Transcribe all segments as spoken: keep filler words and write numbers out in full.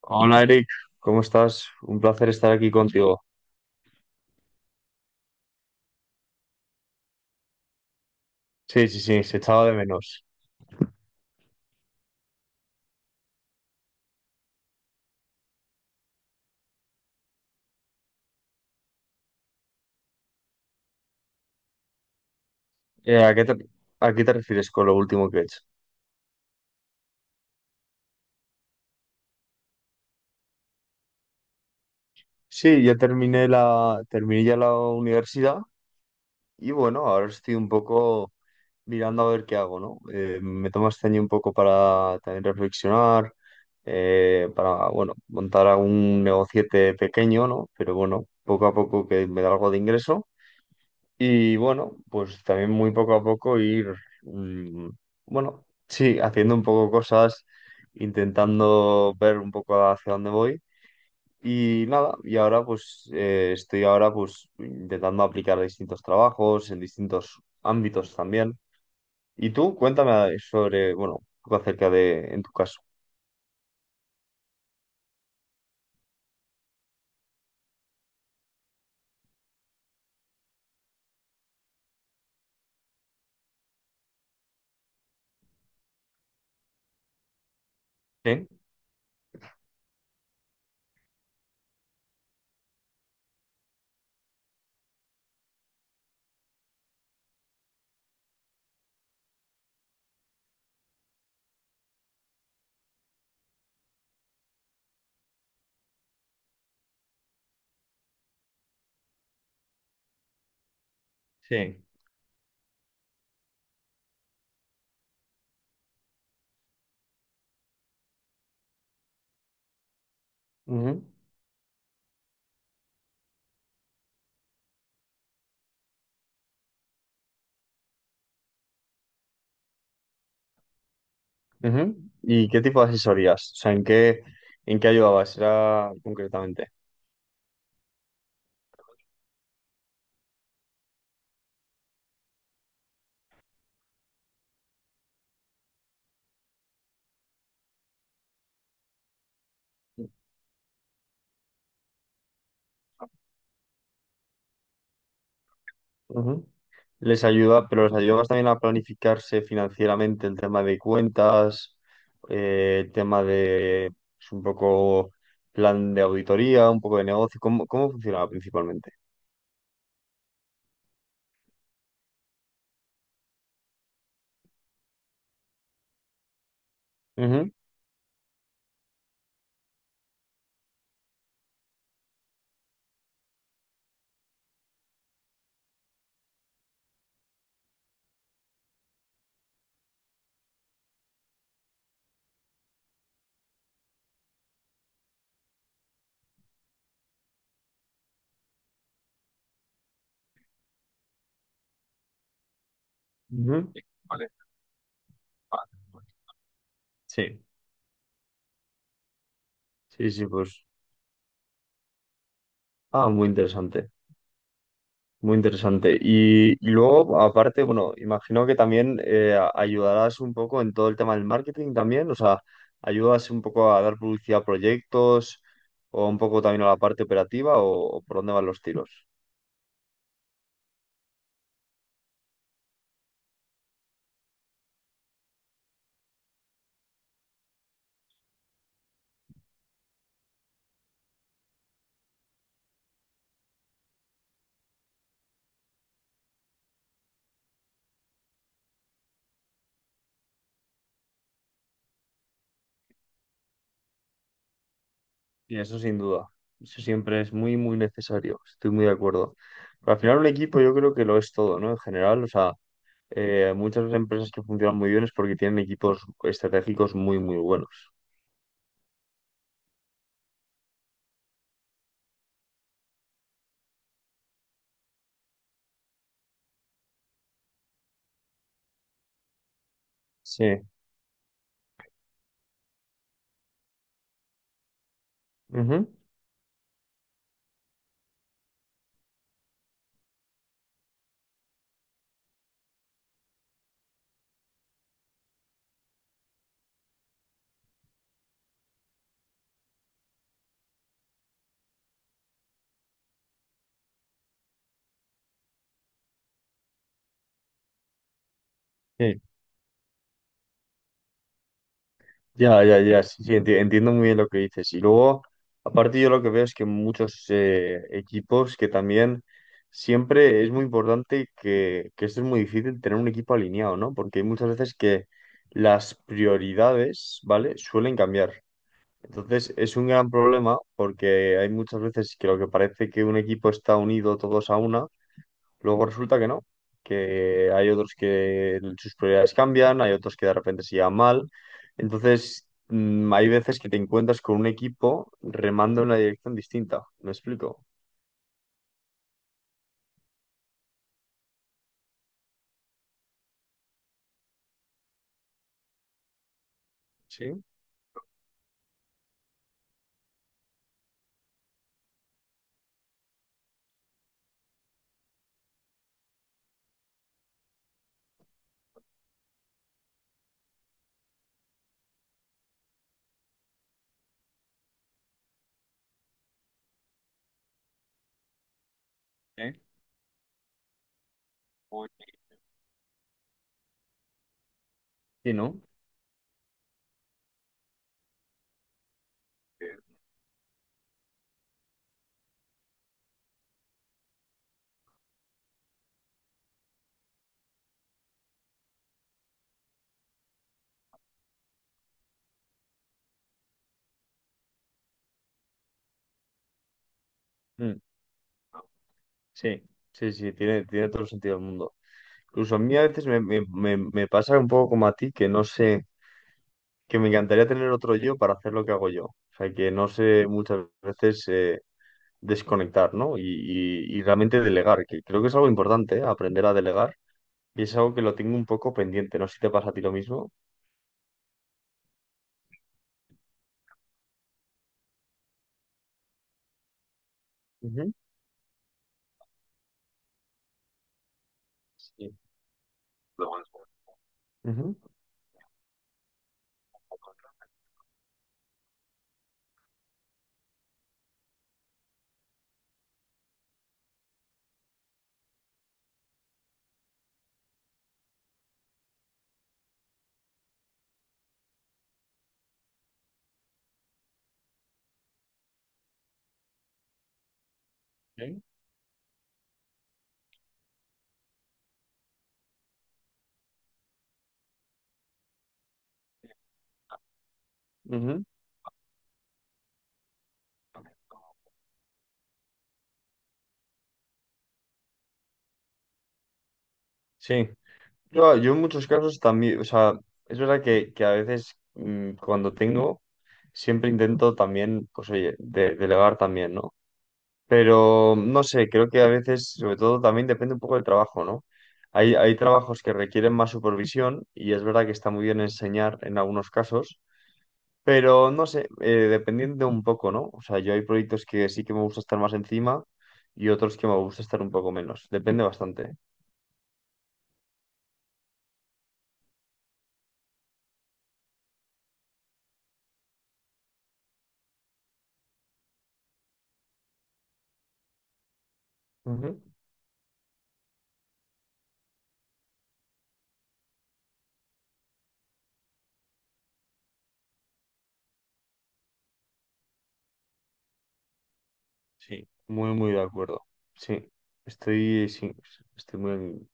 Hola Eric, ¿cómo estás? Un placer estar aquí contigo. Sí, sí, sí, se echaba de menos. Eh, ¿a qué te, a qué te refieres con lo último que he hecho? Sí, ya terminé la, terminé ya la universidad y bueno, ahora estoy un poco mirando a ver qué hago, ¿no? Eh, me tomo este año un poco para también reflexionar, eh, para, bueno, montar algún negociete pequeño, ¿no? Pero bueno, poco a poco que me da algo de ingreso. Y bueno, pues también muy poco a poco ir, mm, bueno, sí, haciendo un poco cosas, intentando ver un poco hacia dónde voy. Y nada, y ahora pues eh, estoy ahora pues intentando aplicar distintos trabajos en distintos ámbitos también. Y tú, cuéntame sobre, bueno, un poco acerca de, en tu caso. Sí, sí. Ujú, ujú. ¿Y qué tipo de asesorías? O sea, ¿en qué, ¿en qué ayudabas? Era concretamente. Ujú. Les ayuda, pero les ayuda más también a planificarse financieramente el tema de cuentas, eh, el tema de pues, un poco plan de auditoría, un poco de negocio. ¿Cómo, cómo funcionaba principalmente? Ujú, ujú. Sí, Vale, vale. Sí, sí, sí, pues. Ah, muy interesante. Muy interesante. Y, luego, aparte, bueno, imagino que también eh, a- ayudarás un poco en todo el tema del marketing también, o sea, ayudas un poco a dar publicidad a proyectos o un poco también a la parte operativa o, o por dónde van los tiros. Y eso sin duda, eso siempre es muy, muy necesario, estoy muy de acuerdo. Pero al final un equipo yo creo que lo es todo, ¿no? En general, o sea, eh, muchas empresas que funcionan muy bien es porque tienen equipos estratégicos muy, muy buenos. Sí. Ujú. Sí. Ya, ya, ya, sí, sí, enti- entiendo muy bien lo que dices. Y luego, aparte yo lo que veo es que muchos eh, equipos que también siempre es muy importante que, que esto es muy difícil tener un equipo alineado, ¿no? Porque hay muchas veces que las prioridades, ¿vale? Suelen cambiar. Entonces es un gran problema porque hay muchas veces que lo que parece que un equipo está unido todos a una. Luego resulta que no, que hay otros que sus prioridades cambian, hay otros que de repente se llevan mal. Entonces, mm, hay veces que te encuentras con un equipo remando en una dirección distinta. ¿Me explico? Sí, ¿eh? Muy sí, ¿no? Bien. Mm, sí, sí, sí, tiene, tiene todo el sentido del mundo. Incluso a mí a veces me, me- me- me pasa un poco como a ti, que no sé, que me encantaría tener otro yo para hacer lo que hago yo. O sea, que no sé muchas veces eh, desconectar, ¿no? Y, y- y realmente delegar, que creo que es algo importante, ¿eh? Aprender a delegar. Y es algo que lo tengo un poco pendiente, no sé si te pasa a ti lo mismo. Ujú. Sí, Ujú. Ok. Ujú. Sí, yo, yo en muchos casos también, o sea, es verdad que, que a veces mm, cuando tengo, siempre intento también, pues oye, de- delegar también, ¿no? Pero no sé, creo que a veces, sobre todo, también depende un poco del trabajo, ¿no? Hay, hay trabajos que requieren más supervisión y es verdad que está muy bien enseñar en algunos casos, pero no sé, eh, dependiendo un poco, ¿no? O sea, yo hay proyectos que sí que me gusta estar más encima y otros que me gusta estar un poco menos. Depende bastante. ¿Eh? Ujú. Sí, muy, muy de acuerdo. Sí, estoy, sí, estoy muy,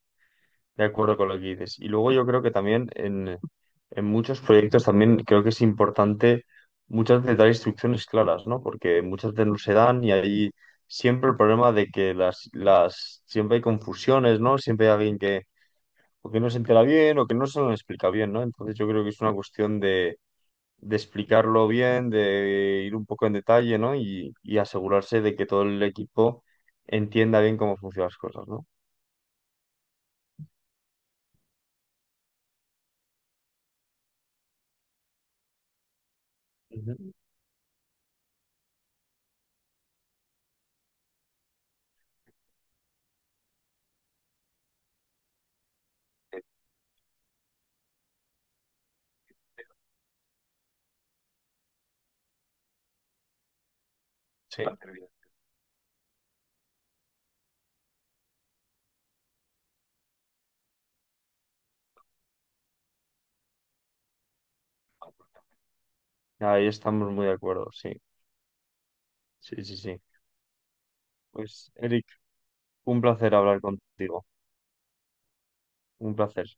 de acuerdo con lo que dices. Y luego yo creo que también en, en muchos proyectos también creo que es importante muchas veces dar instrucciones claras, ¿no? Porque muchas veces no se dan y hay siempre el problema de que las, las, siempre hay confusiones, ¿no? Siempre hay alguien que o que no se entera bien o que no se lo explica bien, ¿no? Entonces yo creo que es una cuestión de, de, explicarlo bien, de ir un poco en detalle, ¿no? Y, y asegurarse de que todo el equipo entienda bien cómo funcionan las cosas, ¿no? Ujú. Sí. Ahí estamos muy de acuerdo, sí, sí, sí, sí. Pues, Eric, un placer hablar contigo, un placer.